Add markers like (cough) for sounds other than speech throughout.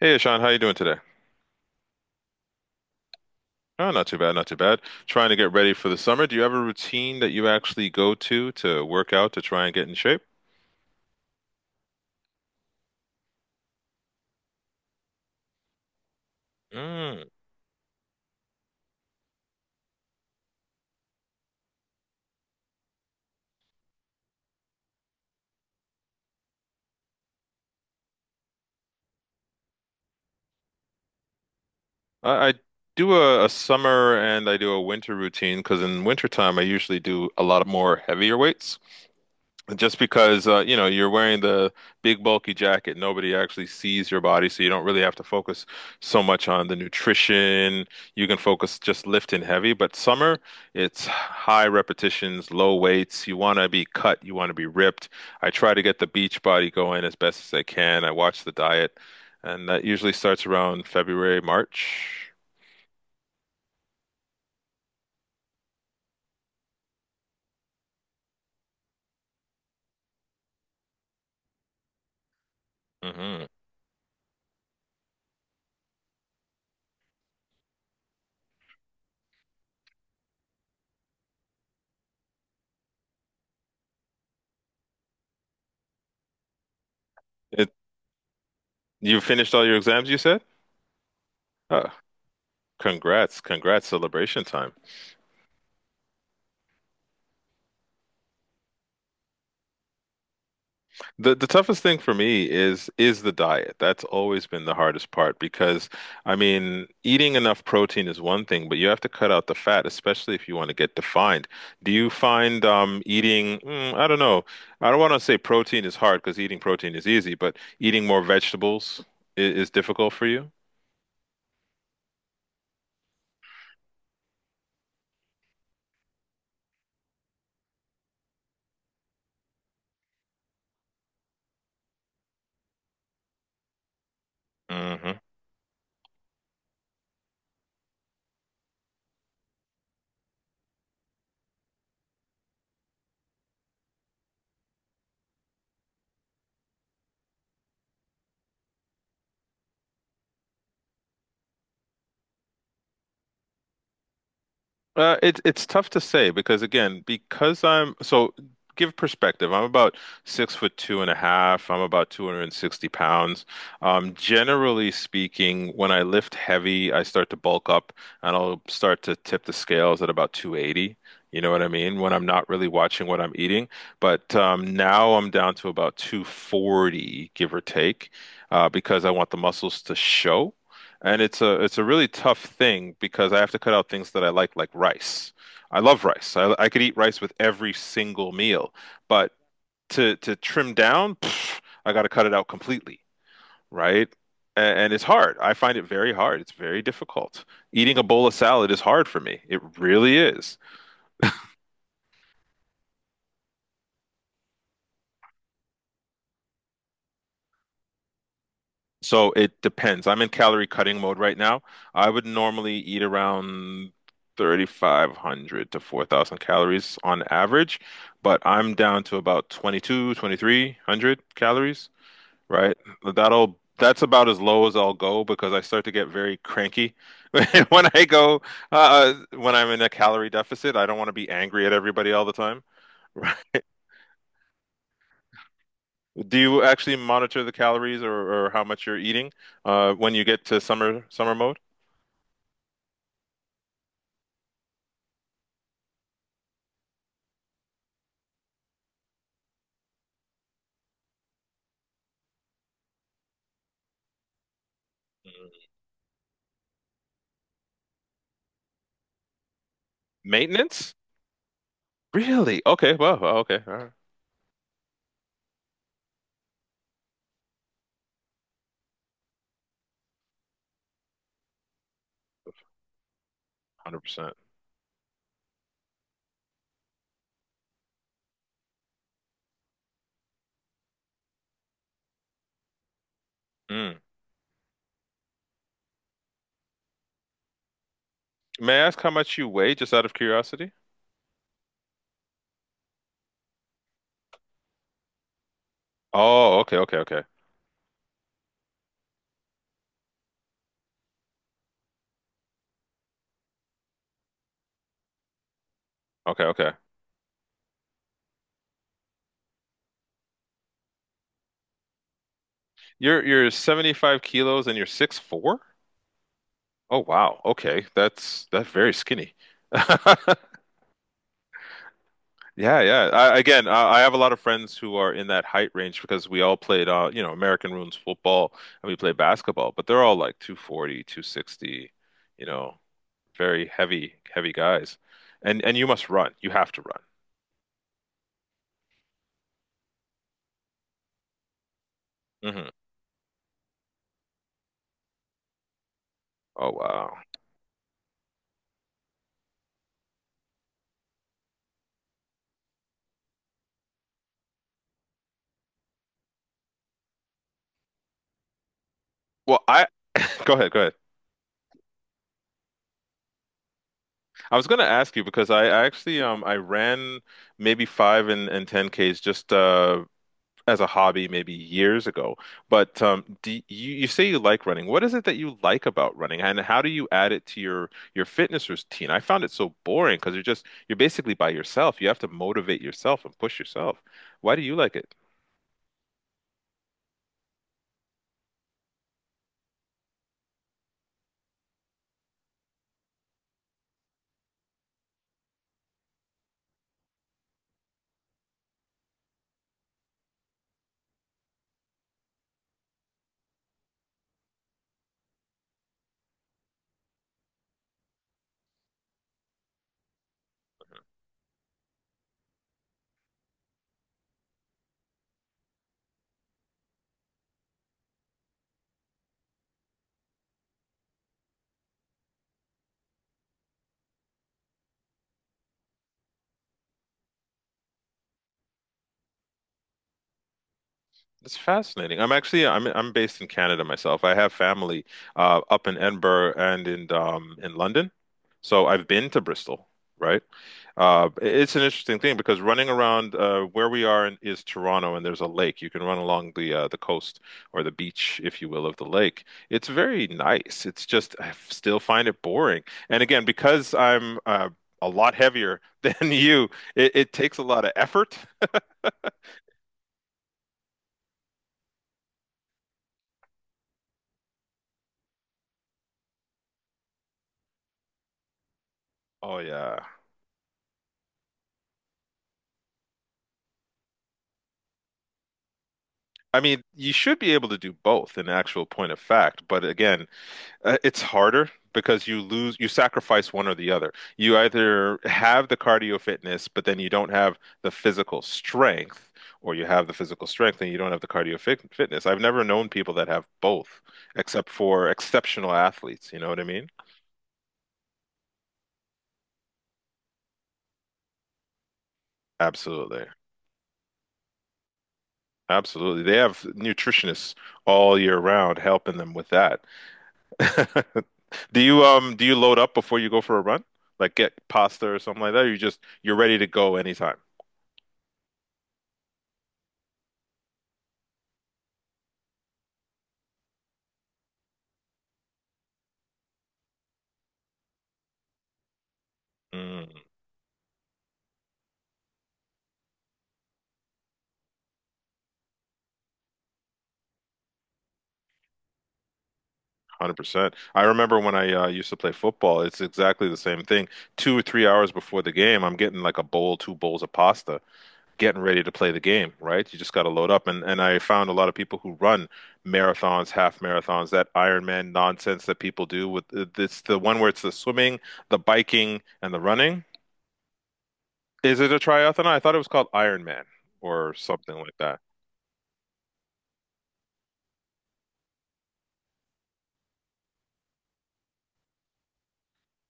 Hey, Sean, how you doing today? Oh, not too bad, not too bad. Trying to get ready for the summer. Do you have a routine that you actually go to work out to try and get in shape? Mm. I do a summer and I do a winter routine because in wintertime I usually do a lot of more heavier weights. Just because you're wearing the big bulky jacket, nobody actually sees your body, so you don't really have to focus so much on the nutrition. You can focus just lifting heavy, but summer, it's high repetitions, low weights. You want to be cut, you want to be ripped. I try to get the beach body going as best as I can. I watch the diet, and that usually starts around February, March. Hmm. It, you finished all your exams, you said? Oh, congrats, congrats, celebration time. The toughest thing for me is the diet. That's always been the hardest part because I mean, eating enough protein is one thing, but you have to cut out the fat, especially if you want to get defined. Do you find eating, I don't know. I don't want to say protein is hard because eating protein is easy, but eating more vegetables is difficult for you? Hmm. It's tough to say because again, because I'm so give perspective. I'm about 6'2.5". I'm about 260 pounds. Generally speaking, when I lift heavy, I start to bulk up and I'll start to tip the scales at about 280. You know what I mean? When I'm not really watching what I'm eating. But now I'm down to about 240, give or take, because I want the muscles to show. And it's a really tough thing because I have to cut out things that I like rice. I love rice. I could eat rice with every single meal, but to trim down, I got to cut it out completely, right? And it's hard. I find it very hard. It's very difficult. Eating a bowl of salad is hard for me. It really is. So it depends. I'm in calorie cutting mode right now. I would normally eat around 3,500 to 4,000 calories on average, but I'm down to about 22, 2,300 calories, right? That's about as low as I'll go because I start to get very cranky (laughs) when I go when I'm in a calorie deficit. I don't want to be angry at everybody all the time. (laughs) Do you actually monitor the calories or how much you're eating when you get to summer mode? Maintenance? Really? Okay. Well, okay. All right. 100%. Mm. May I ask how much you weigh, just out of curiosity? Oh, okay, okay, okay. Okay, okay. You're 75 kilos and you're 6'4"? Oh, wow. Okay. That's very skinny. (laughs) Yeah, yeah. Again, I have a lot of friends who are in that height range because we all played American rules football and we play basketball, but they're all like 240, 260, you know, very heavy, heavy guys. And you must run. You have to run. Hmm. Oh, wow. Well, I (coughs) (laughs) Go ahead, go ahead. I was gonna ask you because I actually I ran maybe 5 and 10Ks just as a hobby maybe years ago. But do you you say you like running. What is it that you like about running and how do you add it to your fitness routine? I found it so boring because you're just you're basically by yourself. You have to motivate yourself and push yourself. Why do you like it? It's fascinating. I'm actually I'm based in Canada myself. I have family up in Edinburgh and in London, so I've been to Bristol, right? It's an interesting thing because running around where we are in, is Toronto, and there's a lake. You can run along the coast or the beach, if you will, of the lake. It's very nice. It's just I still find it boring. And again, because I'm a lot heavier (laughs) than you, it takes a lot of effort. Oh yeah. I mean, you should be able to do both in actual point of fact, but again, it's harder because you sacrifice one or the other. You either have the cardio fitness, but then you don't have the physical strength, or you have the physical strength and you don't have the cardio fitness. I've never known people that have both, except for exceptional athletes. You know what I mean? Absolutely. Absolutely. They have nutritionists all year round helping them with that. (laughs) Do you load up before you go for a run? Like get pasta or something like that, or you're ready to go anytime. Mm, 100%. I remember when I used to play football, it's exactly the same thing. 2 or 3 hours before the game, I'm getting like a bowl, two bowls of pasta. Getting ready to play the game, right? You just got to load up. And I found a lot of people who run marathons, half marathons, that Ironman nonsense that people do with it's the one where it's the swimming, the biking, and the running. Is it a triathlon? I thought it was called Ironman or something like that.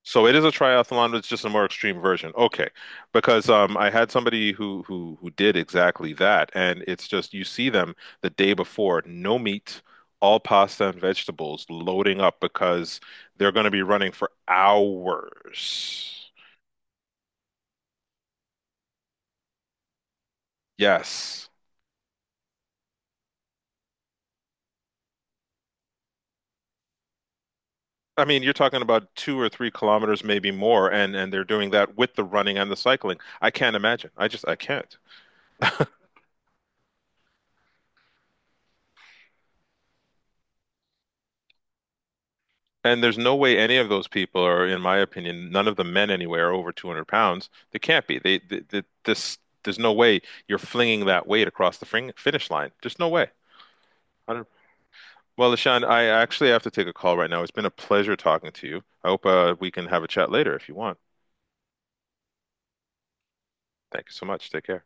So it is a triathlon, but it's just a more extreme version. Okay. Because I had somebody who did exactly that and it's just you see them the day before, no meat, all pasta and vegetables loading up because they're going to be running for hours. Yes. I mean, you're talking about 2 or 3 kilometers, maybe more, and they're doing that with the running and the cycling. I can't imagine. I just I can't. And there's no way any of those people are, in my opinion, none of the men anywhere are over 200 pounds. They can't be. There's no way you're flinging that weight across the finish line. Just no way. I don't, Well, LaShawn, I actually have to take a call right now. It's been a pleasure talking to you. I hope we can have a chat later if you want. Thank you so much. Take care.